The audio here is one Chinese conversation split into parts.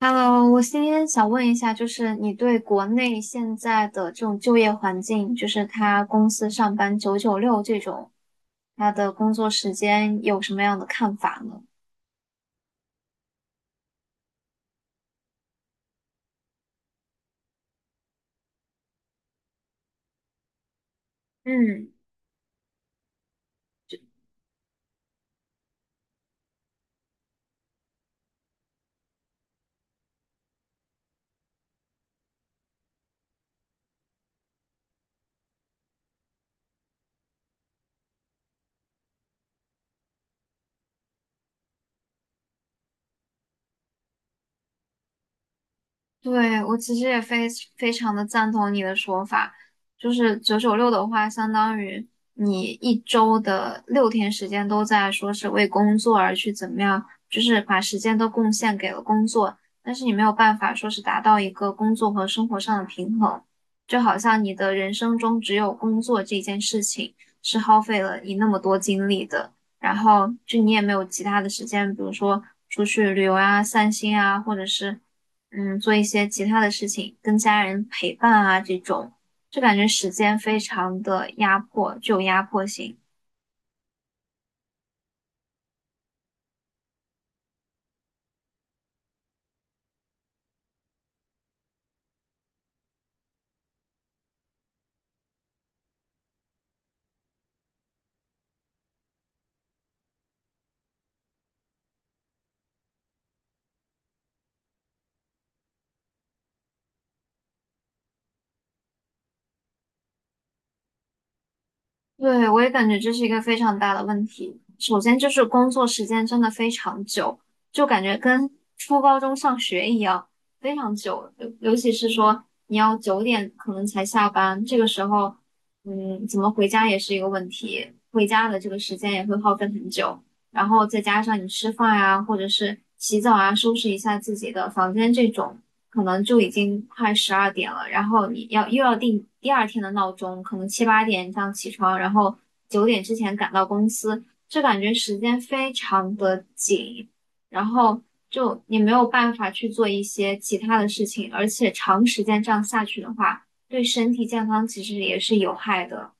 Hello，我今天想问一下，就是你对国内现在的这种就业环境，就是他公司上班九九六这种，他的工作时间有什么样的看法呢？嗯对，我其实也非常的赞同你的说法，就是九九六的话，相当于你一周的6天时间都在说是为工作而去怎么样，就是把时间都贡献给了工作，但是你没有办法说是达到一个工作和生活上的平衡，就好像你的人生中只有工作这件事情是耗费了你那么多精力的，然后就你也没有其他的时间，比如说出去旅游啊、散心啊，或者是。做一些其他的事情，跟家人陪伴啊这种，就感觉时间非常的压迫，具有压迫性。对，我也感觉这是一个非常大的问题。首先就是工作时间真的非常久，就感觉跟初高中上学一样，非常久。尤其是说你要九点可能才下班，这个时候，怎么回家也是一个问题，回家的这个时间也会耗费很久。然后再加上你吃饭呀，或者是洗澡啊，收拾一下自己的房间这种，可能就已经快12点了。然后你又要定第二天的闹钟，可能7、8点这样起床，然后九点之前赶到公司，就感觉时间非常的紧，然后就你没有办法去做一些其他的事情，而且长时间这样下去的话，对身体健康其实也是有害的。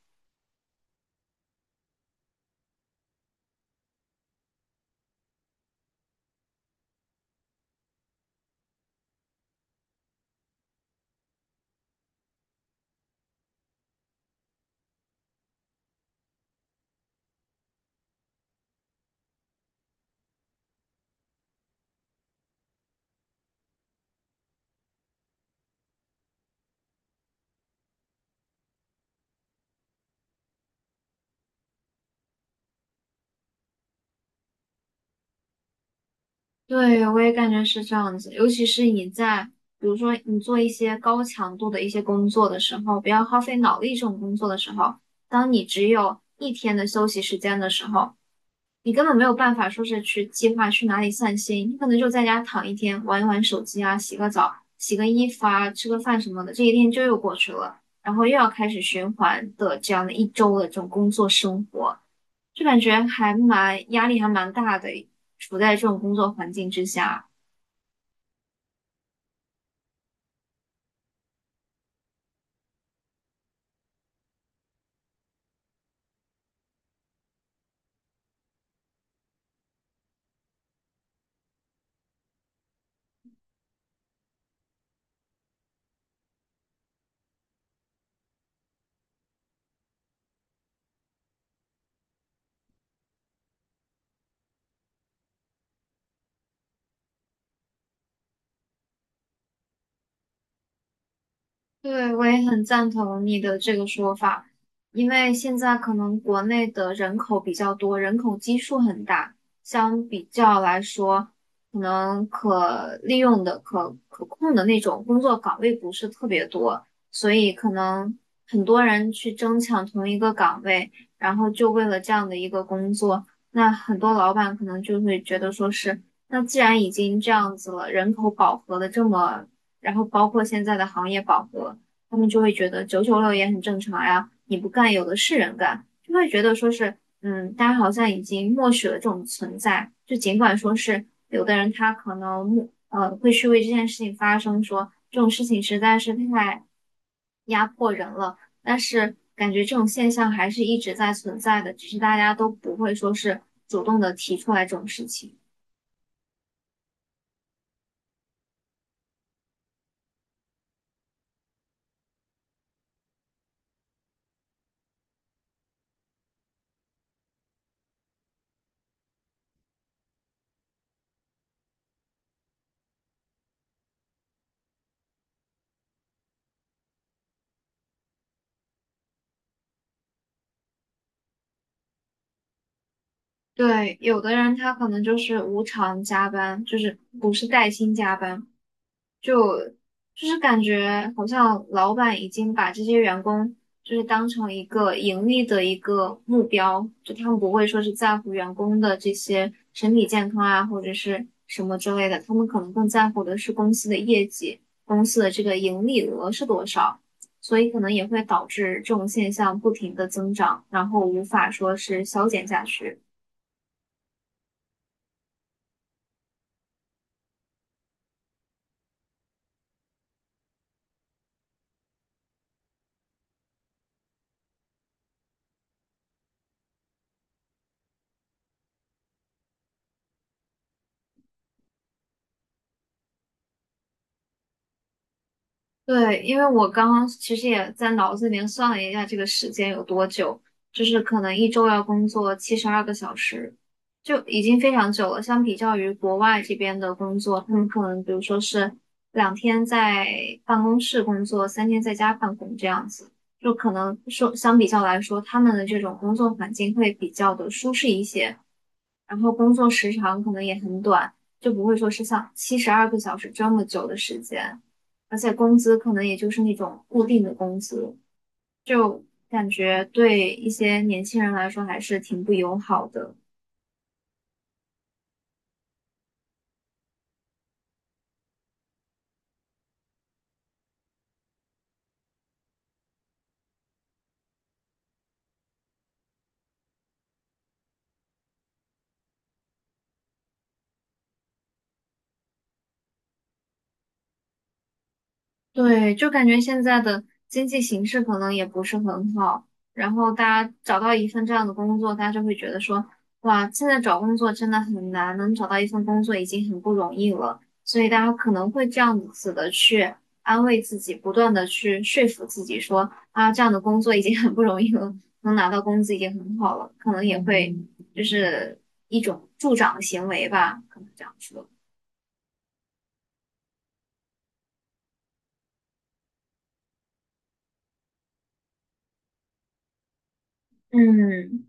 对，我也感觉是这样子，尤其是你在，比如说你做一些高强度的一些工作的时候，不要耗费脑力这种工作的时候，当你只有一天的休息时间的时候，你根本没有办法说是去计划去哪里散心，你可能就在家躺一天，玩一玩手机啊，洗个澡，洗个衣服啊，吃个饭什么的，这一天就又过去了，然后又要开始循环的这样的一周的这种工作生活，就感觉还蛮压力还蛮大的，处在这种工作环境之下。对，我也很赞同你的这个说法，因为现在可能国内的人口比较多，人口基数很大，相比较来说，可能可利用的、可控的那种工作岗位不是特别多，所以可能很多人去争抢同一个岗位，然后就为了这样的一个工作，那很多老板可能就会觉得说是，那既然已经这样子了，人口饱和的这么。然后包括现在的行业饱和，他们就会觉得九九六也很正常呀，你不干有的是人干，就会觉得说是，嗯，大家好像已经默许了这种存在，就尽管说是有的人他可能默会去为这件事情发声说，这种事情实在是太压迫人了，但是感觉这种现象还是一直在存在的，只是大家都不会说是主动的提出来这种事情。对，有的人他可能就是无偿加班，就是不是带薪加班，就就是感觉好像老板已经把这些员工就是当成一个盈利的一个目标，就他们不会说是在乎员工的这些身体健康啊，或者是什么之类的，他们可能更在乎的是公司的业绩，公司的这个盈利额是多少，所以可能也会导致这种现象不停的增长，然后无法说是消减下去。对，因为我刚刚其实也在脑子里面算了一下这个时间有多久，就是可能一周要工作七十二个小时，就已经非常久了。相比较于国外这边的工作，他们可能比如说是2天在办公室工作，3天在家办公这样子，就可能说相比较来说，他们的这种工作环境会比较的舒适一些。然后工作时长可能也很短，就不会说是像七十二个小时这么久的时间，而且工资可能也就是那种固定的工资，感觉对一些年轻人来说还是挺不友好的。对，就感觉现在的经济形势可能也不是很好，然后大家找到一份这样的工作，大家就会觉得说，哇，现在找工作真的很难，能找到一份工作已经很不容易了，所以大家可能会这样子的去安慰自己，不断的去说服自己说，啊，这样的工作已经很不容易了，能拿到工资已经很好了，可能也会就是一种助长的行为吧，可能这样说，嗯。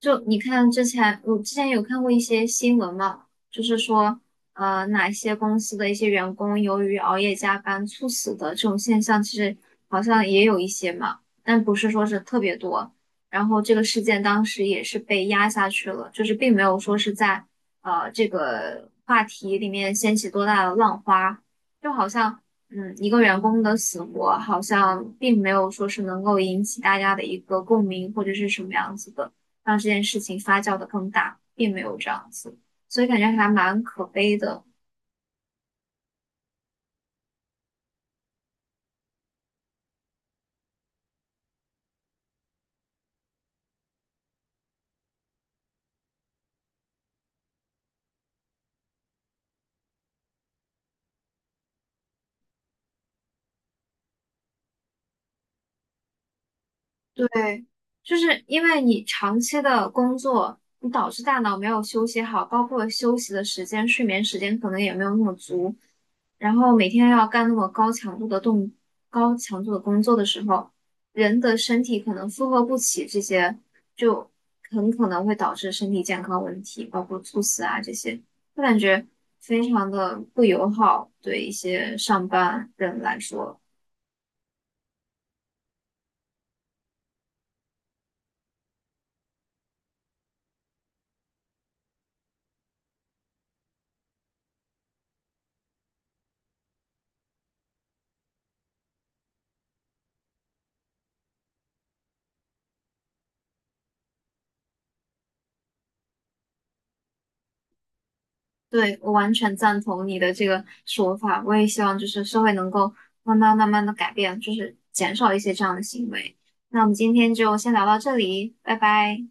就你看之前，我之前有看过一些新闻嘛，就是说，哪些公司的一些员工由于熬夜加班猝死的这种现象，其实好像也有一些嘛，但不是说是特别多。然后这个事件当时也是被压下去了，就是并没有说是在这个话题里面掀起多大的浪花，就好像一个员工的死活好像并没有说是能够引起大家的一个共鸣或者是什么样子的。让这件事情发酵的更大，并没有这样子，所以感觉还蛮可悲的。对，就是因为你长期的工作，你导致大脑没有休息好，包括休息的时间、睡眠时间可能也没有那么足，然后每天要干那么高强度的工作的时候，人的身体可能负荷不起这些，就很可能会导致身体健康问题，包括猝死啊这些，我感觉非常的不友好，对一些上班人来说。对，我完全赞同你的这个说法。我也希望就是社会能够慢慢慢慢的改变，就是减少一些这样的行为。那我们今天就先聊到这里，拜拜。